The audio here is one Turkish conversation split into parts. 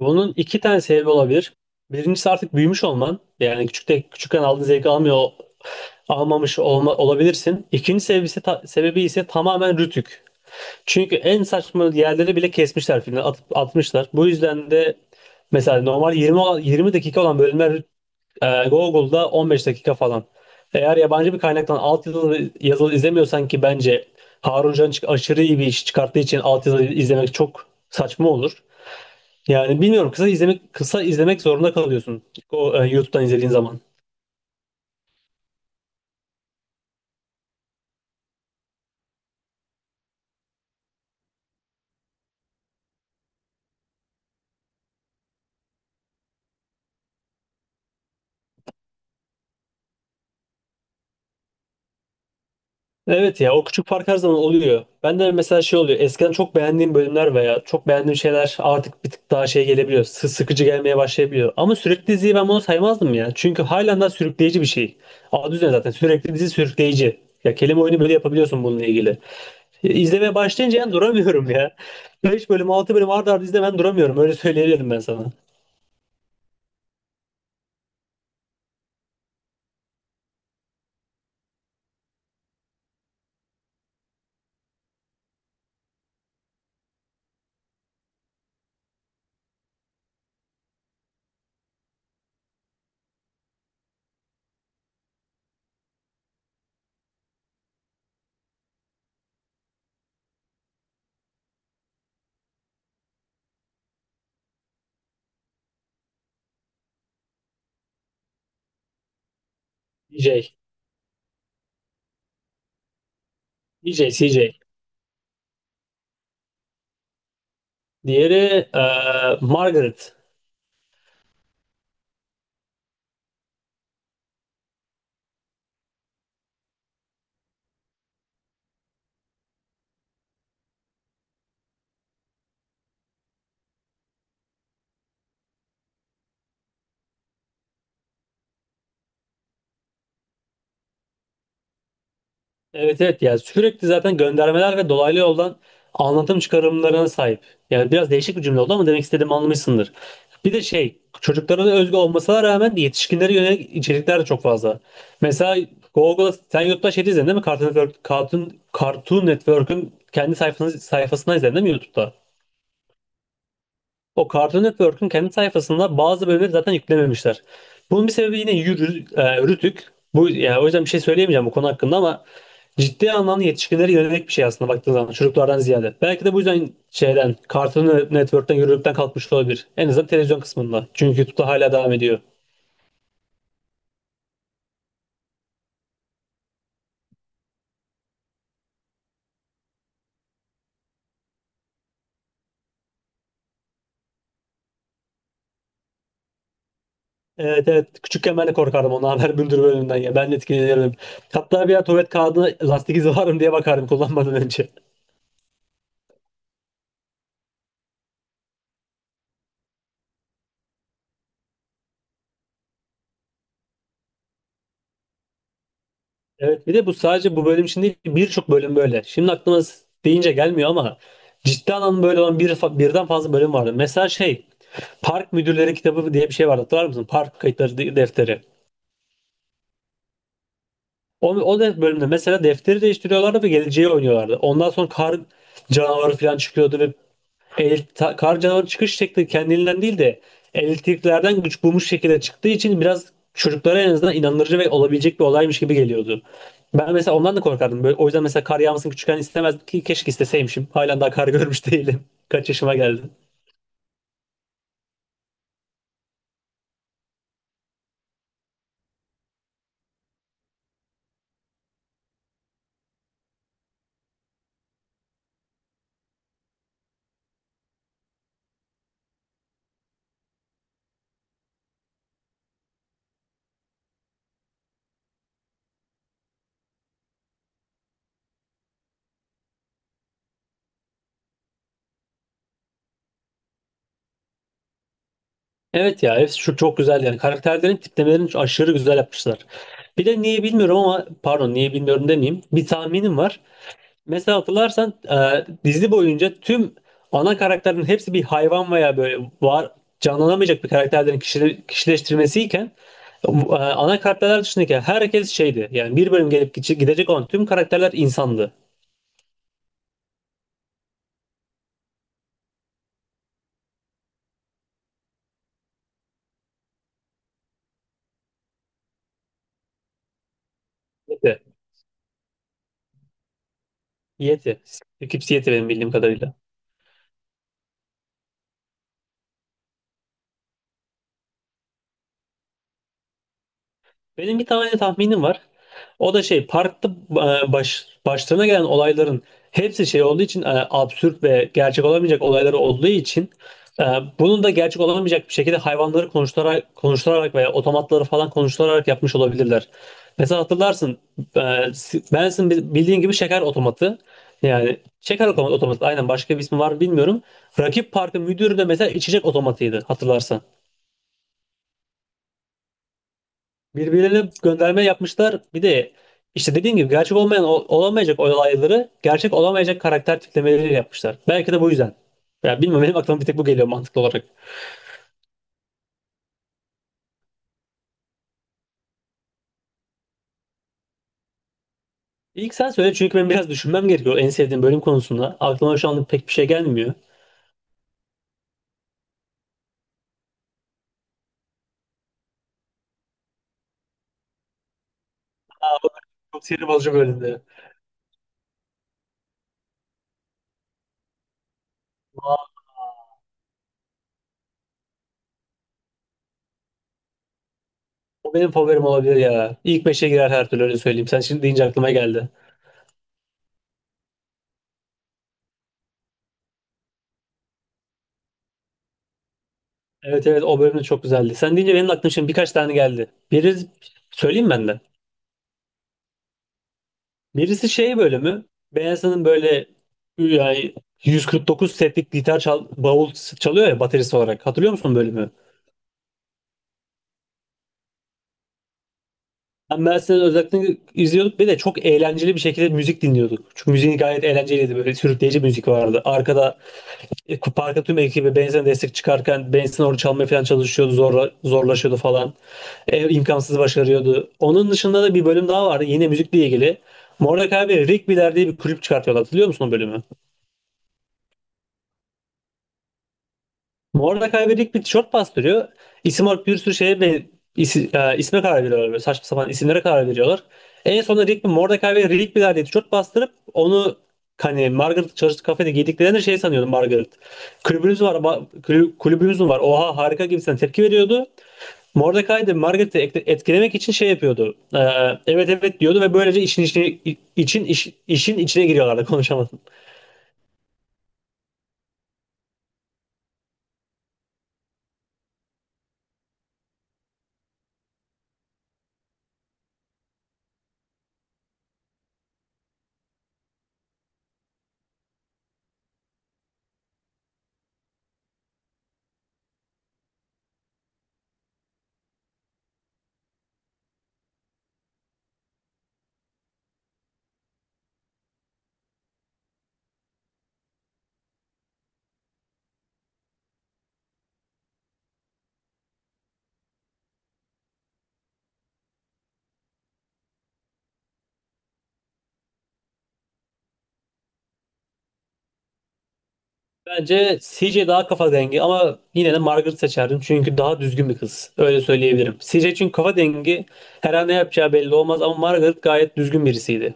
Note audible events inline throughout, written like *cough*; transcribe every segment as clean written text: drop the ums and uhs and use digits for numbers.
Bunun iki tane sebebi olabilir. Birincisi artık büyümüş olman. Yani küçükken aldığın zevki almamış olma, olabilirsin. İkinci sebebi ise, tamamen rütük. Çünkü en saçma yerleri bile kesmişler filmden atıp atmışlar. Bu yüzden de mesela normal 20 dakika olan bölümler Google'da 15 dakika falan. Eğer yabancı bir kaynaktan altyazılı yazılı izlemiyorsan ki bence Harun Can aşırı iyi bir iş çıkarttığı için altyazılı izlemek çok saçma olur. Yani bilmiyorum kısa izlemek zorunda kalıyorsun o YouTube'dan izlediğin zaman. Evet, ya o küçük fark her zaman oluyor. Ben de mesela şey oluyor. Eskiden çok beğendiğim bölümler veya çok beğendiğim şeyler artık bir tık daha şey gelebiliyor. Sıkıcı gelmeye başlayabiliyor. Ama sürekli diziyi ben bunu saymazdım ya. Çünkü halen daha sürükleyici bir şey. Adı üzerine zaten sürekli dizi sürükleyici. Ya, kelime oyunu böyle yapabiliyorsun bununla ilgili. İzlemeye başlayınca yani duramıyorum ya. 5 bölüm 6 bölüm art arda izle, ben duramıyorum. Öyle söyleyebilirim ben sana. DJ. DJ, CJ. Diğeri Margaret. Evet, evet, yani sürekli zaten göndermeler ve dolaylı yoldan anlatım çıkarımlarına sahip. Yani biraz değişik bir cümle oldu ama demek istediğimi anlamışsındır. Bir de şey, çocuklara da özgü olmasına rağmen yetişkinlere yönelik içerikler de çok fazla. Mesela Google'da, sen YouTube'da şey izledin değil mi? Cartoon Network'ün kendi sayfasından izledin değil mi YouTube'da? O Cartoon Network'ün kendi sayfasında bazı bölümleri zaten yüklememişler. Bunun bir sebebi yine Rütük. Bu, yani o yüzden bir şey söyleyemeyeceğim bu konu hakkında ama ciddi anlamda yetişkinlere yönelik bir şey aslında baktığın zaman çocuklardan ziyade. Belki de bu yüzden şeyden, Cartoon Network'ten yürürlükten kalkmış olabilir. En azından televizyon kısmında. Çünkü YouTube'da hala devam ediyor. Evet, evet, küçükken ben de korkardım ona, haber bülbül bölümünden ya. Ben de etkilenirdim. Hatta bir ara tuvalet kağıdına lastik izi var mı diye bakardım kullanmadan önce. Evet, bir de bu sadece bu bölüm için değil, birçok bölüm böyle. Şimdi aklıma deyince gelmiyor ama ciddi anlamda böyle olan birden fazla bölüm vardı. Mesela şey, Park Müdürleri Kitabı diye bir şey vardı, hatırlar mısın? Park Kayıtları Defteri. Bölümde mesela defteri değiştiriyorlardı ve geleceği oynuyorlardı. Ondan sonra kar canavarı falan çıkıyordu ve Karca'nın çıkış şekli kendiliğinden değil de elektriklerden güç bulmuş şekilde çıktığı için biraz çocuklara en azından inandırıcı ve olabilecek bir olaymış gibi geliyordu. Ben mesela ondan da korkardım. Böyle, o yüzden mesela kar yağmasını küçükken istemezdim, ki keşke isteseymişim. Halen daha kar görmüş değilim. *laughs* Kaç yaşıma geldim. Evet, ya hepsi şu çok güzel yani. Karakterlerin tiplemelerini aşırı güzel yapmışlar. Bir de niye bilmiyorum ama pardon, niye bilmiyorum demeyeyim. Bir tahminim var. Mesela hatırlarsan dizi boyunca tüm ana karakterlerin hepsi bir hayvan veya böyle var, canlanamayacak bir karakterlerin kişileştirmesiyken ana karakterler dışındaki herkes şeydi. Yani bir bölüm gelip gidecek olan tüm karakterler insandı. Yeti. Yeti. Skipsi Yeti benim bildiğim kadarıyla. Benim bir tane tahminim var. O da şey, parkta başlarına gelen olayların hepsi şey olduğu için, absürt ve gerçek olamayacak olayları olduğu için, e, bunun da gerçek olamayacak bir şekilde hayvanları konuşturarak veya otomatları falan konuşturarak yapmış olabilirler. Mesela hatırlarsın, Benson bildiğin gibi şeker otomatı. Yani şeker otomatı aynen, başka bir ismi var mı bilmiyorum. Rakip parkın müdürü de mesela içecek otomatıydı, hatırlarsan. Birbirine gönderme yapmışlar. Bir de işte dediğim gibi gerçek olmayan, olamayacak olayları gerçek olamayacak karakter tiplemeleri yapmışlar. Belki de bu yüzden. Ya bilmiyorum, benim aklıma bir tek bu geliyor mantıklı olarak. İlk sen söyle, çünkü ben biraz düşünmem gerekiyor en sevdiğim bölüm konusunda. Aklıma şu anda pek bir şey gelmiyor. Çok sinir bozucu bölümdü. Aa, o benim favorim olabilir ya. İlk beşe girer her türlü, öyle söyleyeyim. Sen şimdi deyince aklıma geldi. Evet, evet, o bölüm de çok güzeldi. Sen deyince benim de aklıma şimdi birkaç tane geldi. Biri söyleyeyim ben de. Birisi şey bölümü. Beyazı'nın böyle yani 149 setlik gitar bavul çalıyor ya baterist olarak. Hatırlıyor musun bölümü? Ben Benson'ın özellikle izliyorduk. Bir de çok eğlenceli bir şekilde müzik dinliyorduk. Çünkü müziği gayet eğlenceliydi. Böyle sürükleyici müzik vardı. Arkada parka tüm ekibi Benson'a destek çıkarken Benson orada çalmaya falan çalışıyordu. Zorlaşıyordu falan. E, imkansız başarıyordu. Onun dışında da bir bölüm daha vardı. Yine müzikle ilgili. Mordecai ve Rigby'ler diye bir kulüp çıkartıyorlar. Hatırlıyor musun o bölümü? Mordecai ve Rigby tişört bastırıyor. İsim olarak bir sürü şeye ve isme karar veriyorlar. Böyle saçma sapan isimlere karar veriyorlar. En sonunda Rigby, Mordecai ve Rigby'ler diye tişört bastırıp onu hani Margaret çalıştığı kafede giydiklerinde şey sanıyordu Margaret. Kulübümüz var, kulübümüz mü var? Oha, harika gibisinden tepki veriyordu. Mordecai de Margaret'i etkilemek için şey yapıyordu. Evet, evet diyordu ve böylece işin içine giriyorlardı. *laughs* Konuşamadım. Bence CJ daha kafa dengi ama yine de Margaret seçerdim, çünkü daha düzgün bir kız. Öyle söyleyebilirim. CJ için, kafa dengi, her an ne yapacağı belli olmaz ama Margaret gayet düzgün birisiydi.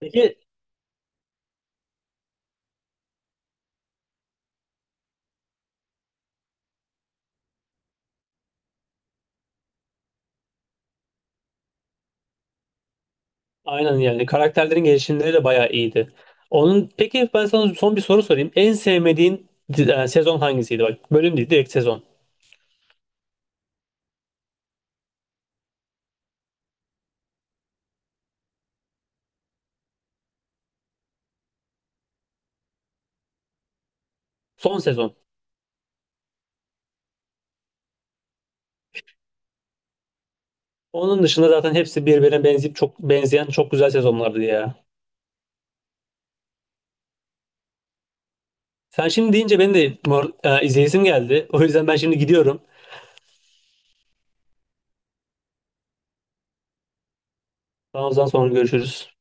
Peki. Aynen, yani karakterlerin gelişimleri de bayağı iyiydi. Peki, ben sana son bir soru sorayım. En sevmediğin sezon hangisiydi? Bak, bölüm değil, direkt sezon. Son sezon. Onun dışında zaten hepsi birbirine benzeyip çok benzeyen çok güzel sezonlardı ya. Sen şimdi deyince benim de izleyesim geldi. O yüzden ben şimdi gidiyorum. Daha o zaman sonra görüşürüz.